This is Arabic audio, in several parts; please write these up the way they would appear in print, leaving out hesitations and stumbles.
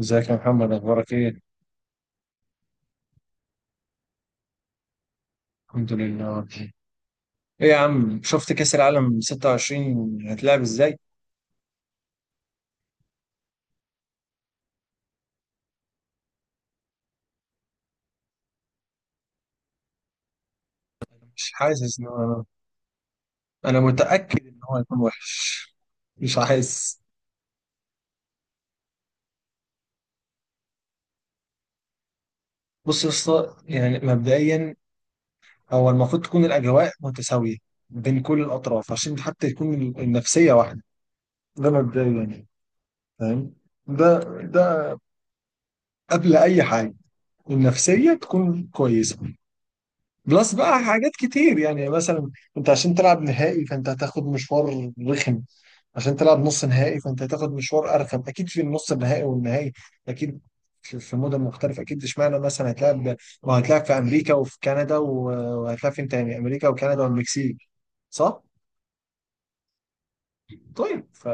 ازيك يا محمد، اخبارك ايه؟ الحمد لله. ايه يا عم، شفت كأس العالم 26 هتلعب ازاي؟ مش حاسس ان انا متأكد ان هو هيكون وحش، مش حاسس. بص يا اسطى، يعني مبدئيا هو المفروض تكون الاجواء متساوية بين كل الاطراف عشان حتى يكون النفسية واحدة. ده مبدئيا يعني، فاهم؟ ده ده قبل اي حاجة النفسية تكون كويسة. بلس بقى حاجات كتير، يعني مثلا انت عشان تلعب نهائي فانت هتاخد مشوار رخم، عشان تلعب نص نهائي فانت هتاخد مشوار ارخم اكيد. في النص النهائي والنهائي اكيد في مدن مختلفه، اكيد اشمعنى مثلا هتلعب، ما هتلعب في امريكا وفي كندا وهتلعب فين تاني؟ امريكا وكندا والمكسيك، صح؟ طيب ف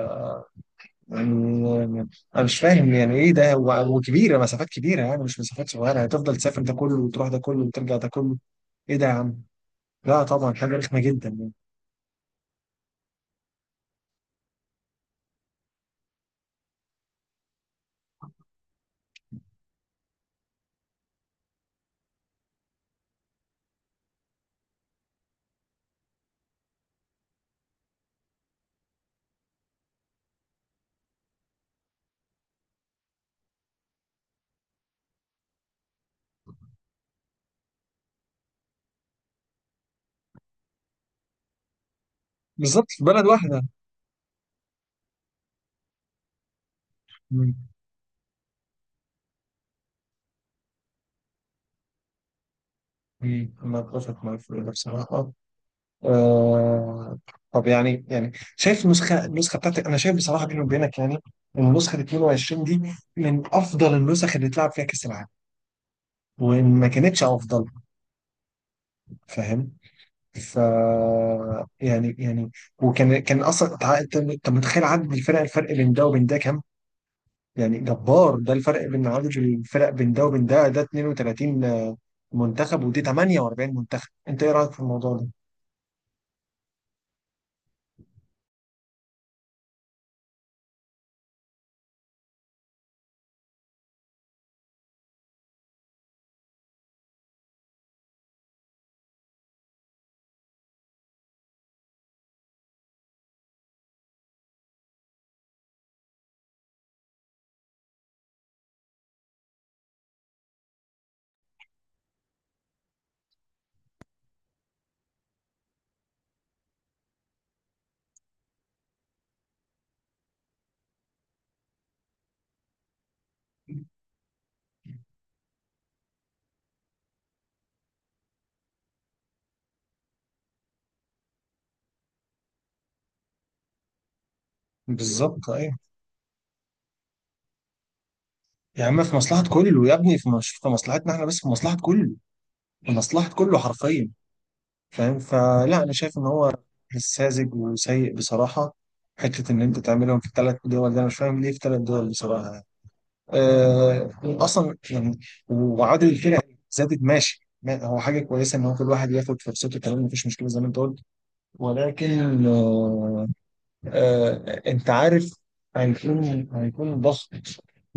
يعني انا مش فاهم يعني ايه ده وكبيره، مسافات كبيره، يعني مش مسافات صغيره، هتفضل تسافر ده كله وتروح ده كله وترجع ده كله، ايه ده يا عم؟ لا طبعا حاجه رخمه جدا يعني. بالظبط، في بلد واحده. مم. مم، انا اتفق معاك في ده بصراحه. آه. طب يعني شايف النسخه، بتاعتك، انا شايف بصراحه بيني وبينك يعني ان نسخه 22 دي من افضل النسخ اللي اتلعب فيها كاس العالم، وان ما كانتش افضل، فاهم؟ ف يعني وكان اصلا انت، متخيل عدد الفرق، الفرق بين ده وبين ده كام؟ يعني جبار ده الفرق بين عدد الفرق بين ده وبين ده. ده 32 منتخب ودي 48 منتخب، انت ايه رايك في الموضوع ده؟ بالظبط. يا عم في مصلحة كله يا ابني، في مش في مصلحتنا احنا بس، في مصلحة كله، في مصلحة كله حرفيا، فاهم؟ فلا أنا شايف إن هو ساذج وسيء بصراحة. حتة إن أنت تعملهم في 3 دول، ده أنا مش فاهم ليه في 3 دول بصراحة يعني. أه أصلا يعني، وعادل الكرة زادت، ماشي، هو حاجة كويسة إن هو كل واحد ياخد فرصته تمام، مفيش مشكلة زي ما أنت قلت، ولكن آه، انت عارف هيكون، ضغط،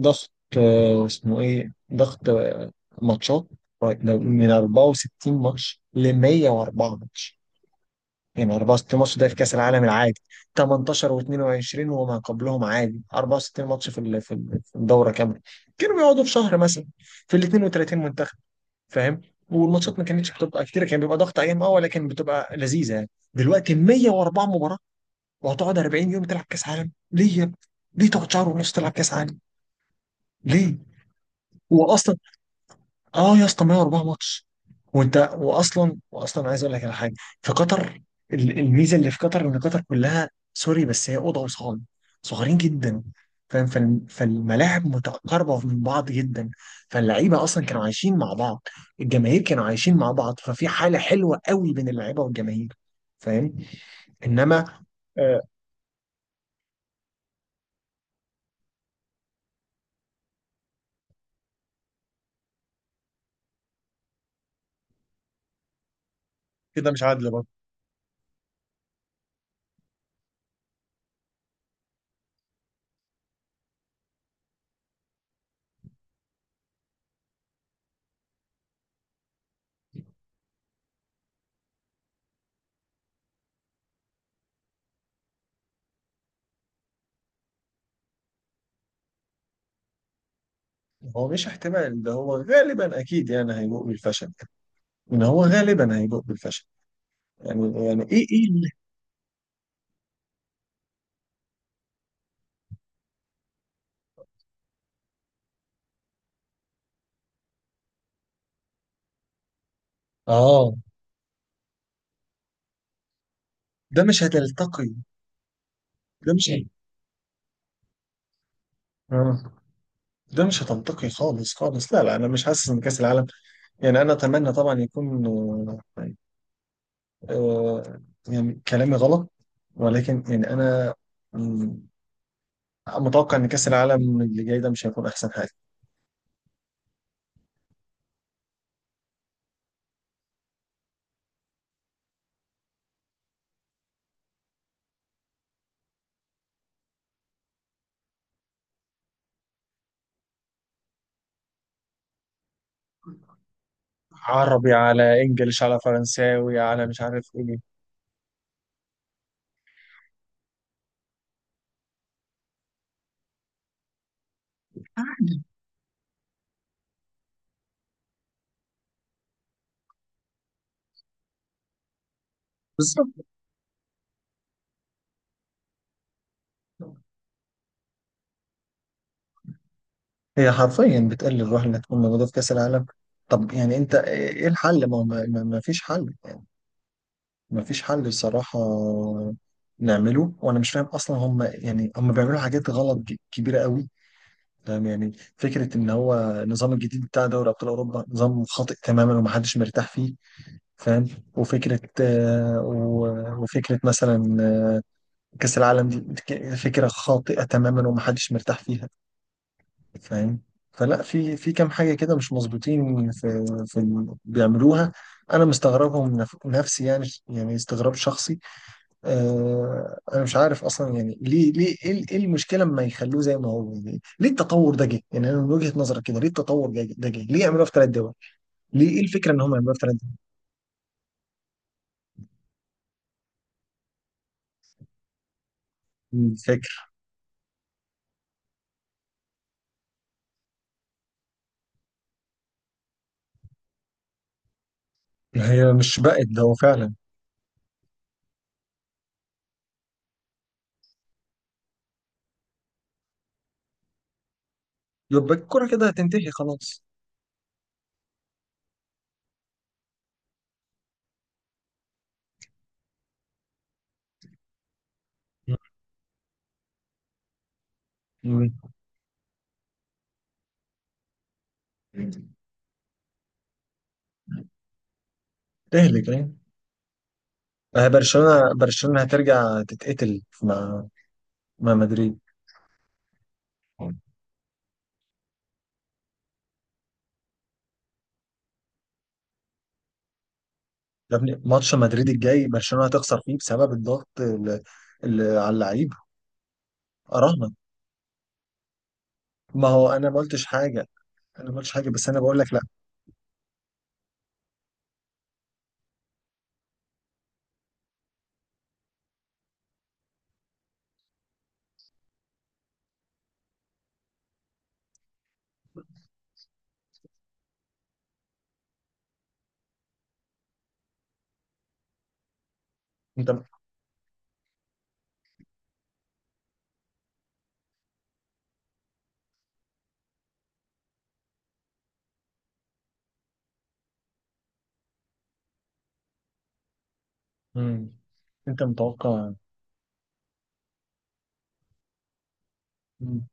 ضغط، اسمه ايه، ضغط، ماتشات. طيب، من 64 ماتش ل 104 ماتش، يعني 64 ماتش ده في كأس العالم العادي 18 و22 وما قبلهم عادي، 64 ماتش في في في الدورة كاملة، كانوا بيقعدوا في شهر مثلا في ال 32 منتخب، فاهم؟ والماتشات ما كانتش بتبقى كتير، كان بيبقى ضغط ايام اه، ولكن بتبقى لذيذة يعني. دلوقتي 104 مباراة وهتقعد 40 يوم تلعب كاس عالم، ليه يا ابني؟ ليه تقعد شهر ونص تلعب كاس عالم؟ ليه؟ واصلا اه يا اسطى 104 ماتش. وانت واصلا، عايز اقول لك على حاجه، في قطر الميزه اللي في قطر ان قطر كلها سوري، بس هي اوضه وصاله صغيرين جدا، فاهم؟ فالملاعب متقاربه من بعض جدا، فاللعيبه اصلا كانوا عايشين مع بعض، الجماهير كانوا عايشين مع بعض، ففي حاله حلوه قوي بين اللعيبه والجماهير، فاهم؟ انما آه، كده مش عادل. هو مش احتمال، ده هو غالبا اكيد يعني هيبوء بالفشل، ان هو غالبا هيبوء بالفشل. يعني ايه اللي. اه، ده مش هتلتقي، ده مش هت... آه. ده مش هتلتقي خالص خالص، لا لا انا مش حاسس ان كاس العالم، يعني انا اتمنى طبعا يكون آه، آه، يعني كلامي غلط، ولكن يعني انا مم، متوقع ان كاس العالم اللي جاي ده مش هيكون احسن حاجه. عربي على انجليش على فرنساوي على مش عارف ايه. بالظبط، هي حرفيا بتقلل الروح انها تكون موجوده في كاس العالم. طب يعني انت ايه الحل؟ ما فيش حل يعني، ما فيش حل الصراحه نعمله. وانا مش فاهم اصلا هم، يعني هم بيعملوا حاجات غلط كبيره قوي، فاهم يعني؟ فكره ان هو النظام الجديد بتاع دوري ابطال اوروبا نظام خاطئ تماما ومحدش مرتاح فيه، فاهم؟ وفكره وفكره مثلا كاس العالم دي فكره خاطئه تماما ومحدش مرتاح فيها، فاهم؟ فلا في كام حاجه كده مش مظبوطين في بيعملوها. انا مستغربهم من نفسي يعني، يعني استغراب شخصي. آه انا مش عارف اصلا يعني ليه ايه إيه المشكله لما يخلوه زي ما هو يعني؟ ليه التطور ده جه يعني؟ انا من وجهه نظرك كده ليه التطور ده جه، ليه يعملوها في 3 دول؟ ليه ايه الفكره ان هم يعملوها في 3 دول الفكره؟ هي مش بقت ده هو فعلا. يبقى الكره كده هتنتهي خلاص. مم. تهلك يعني. آه، برشلونة هترجع تتقتل مع مدريد. يا ابني ماتش مدريد الجاي برشلونة هتخسر فيه بسبب الضغط اللي، اللي على اللعيبة. أراهنك. ما هو أنا ما قلتش حاجة، أنا ما قلتش حاجة بس أنا بقول لك لا. أنت. مم. أنت متوقع. مم.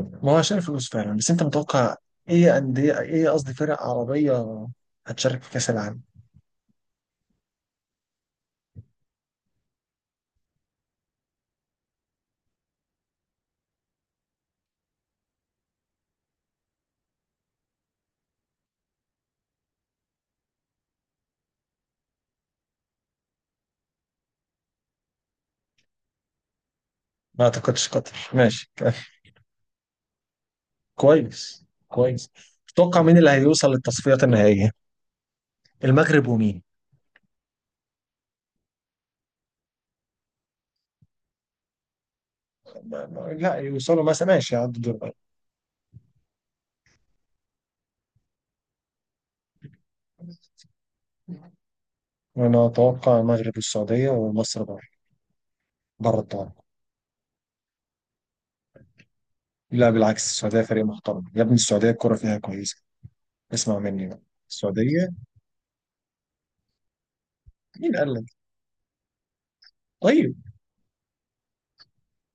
ما هو عشان الفلوس فعلا بس أنت متوقع إيه أندية، إيه قصدي فرق عربية هتشارك في كأس العالم؟ ما أعتقدش قطر ماشي كويس كويس. تتوقع مين اللي هيوصل للتصفيات النهائية، المغرب ومين؟ لا يوصلوا مثلا، ماشي، يعدوا دور. انا اتوقع المغرب والسعوديه ومصر بره، بره الدوري. لا بالعكس السعوديه فريق محترم يا ابني، السعوديه الكره فيها كويسه، اسمع مني بقى. السعوديه. مين قال لك؟ طيب.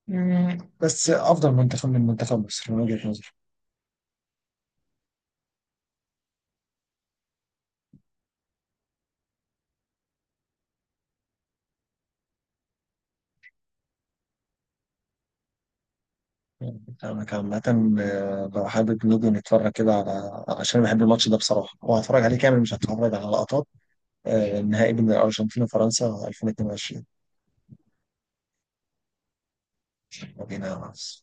مم، بس افضل منتخب من منتخب مصر من وجهه نظري. انا عامه بقى حابب نيجي نتفرج كده على عشان بحب الماتش ده بصراحه، وهتفرج عليه كامل مش هتفرج على لقطات. آه، النهائي بين الارجنتين وفرنسا 2022. مدينه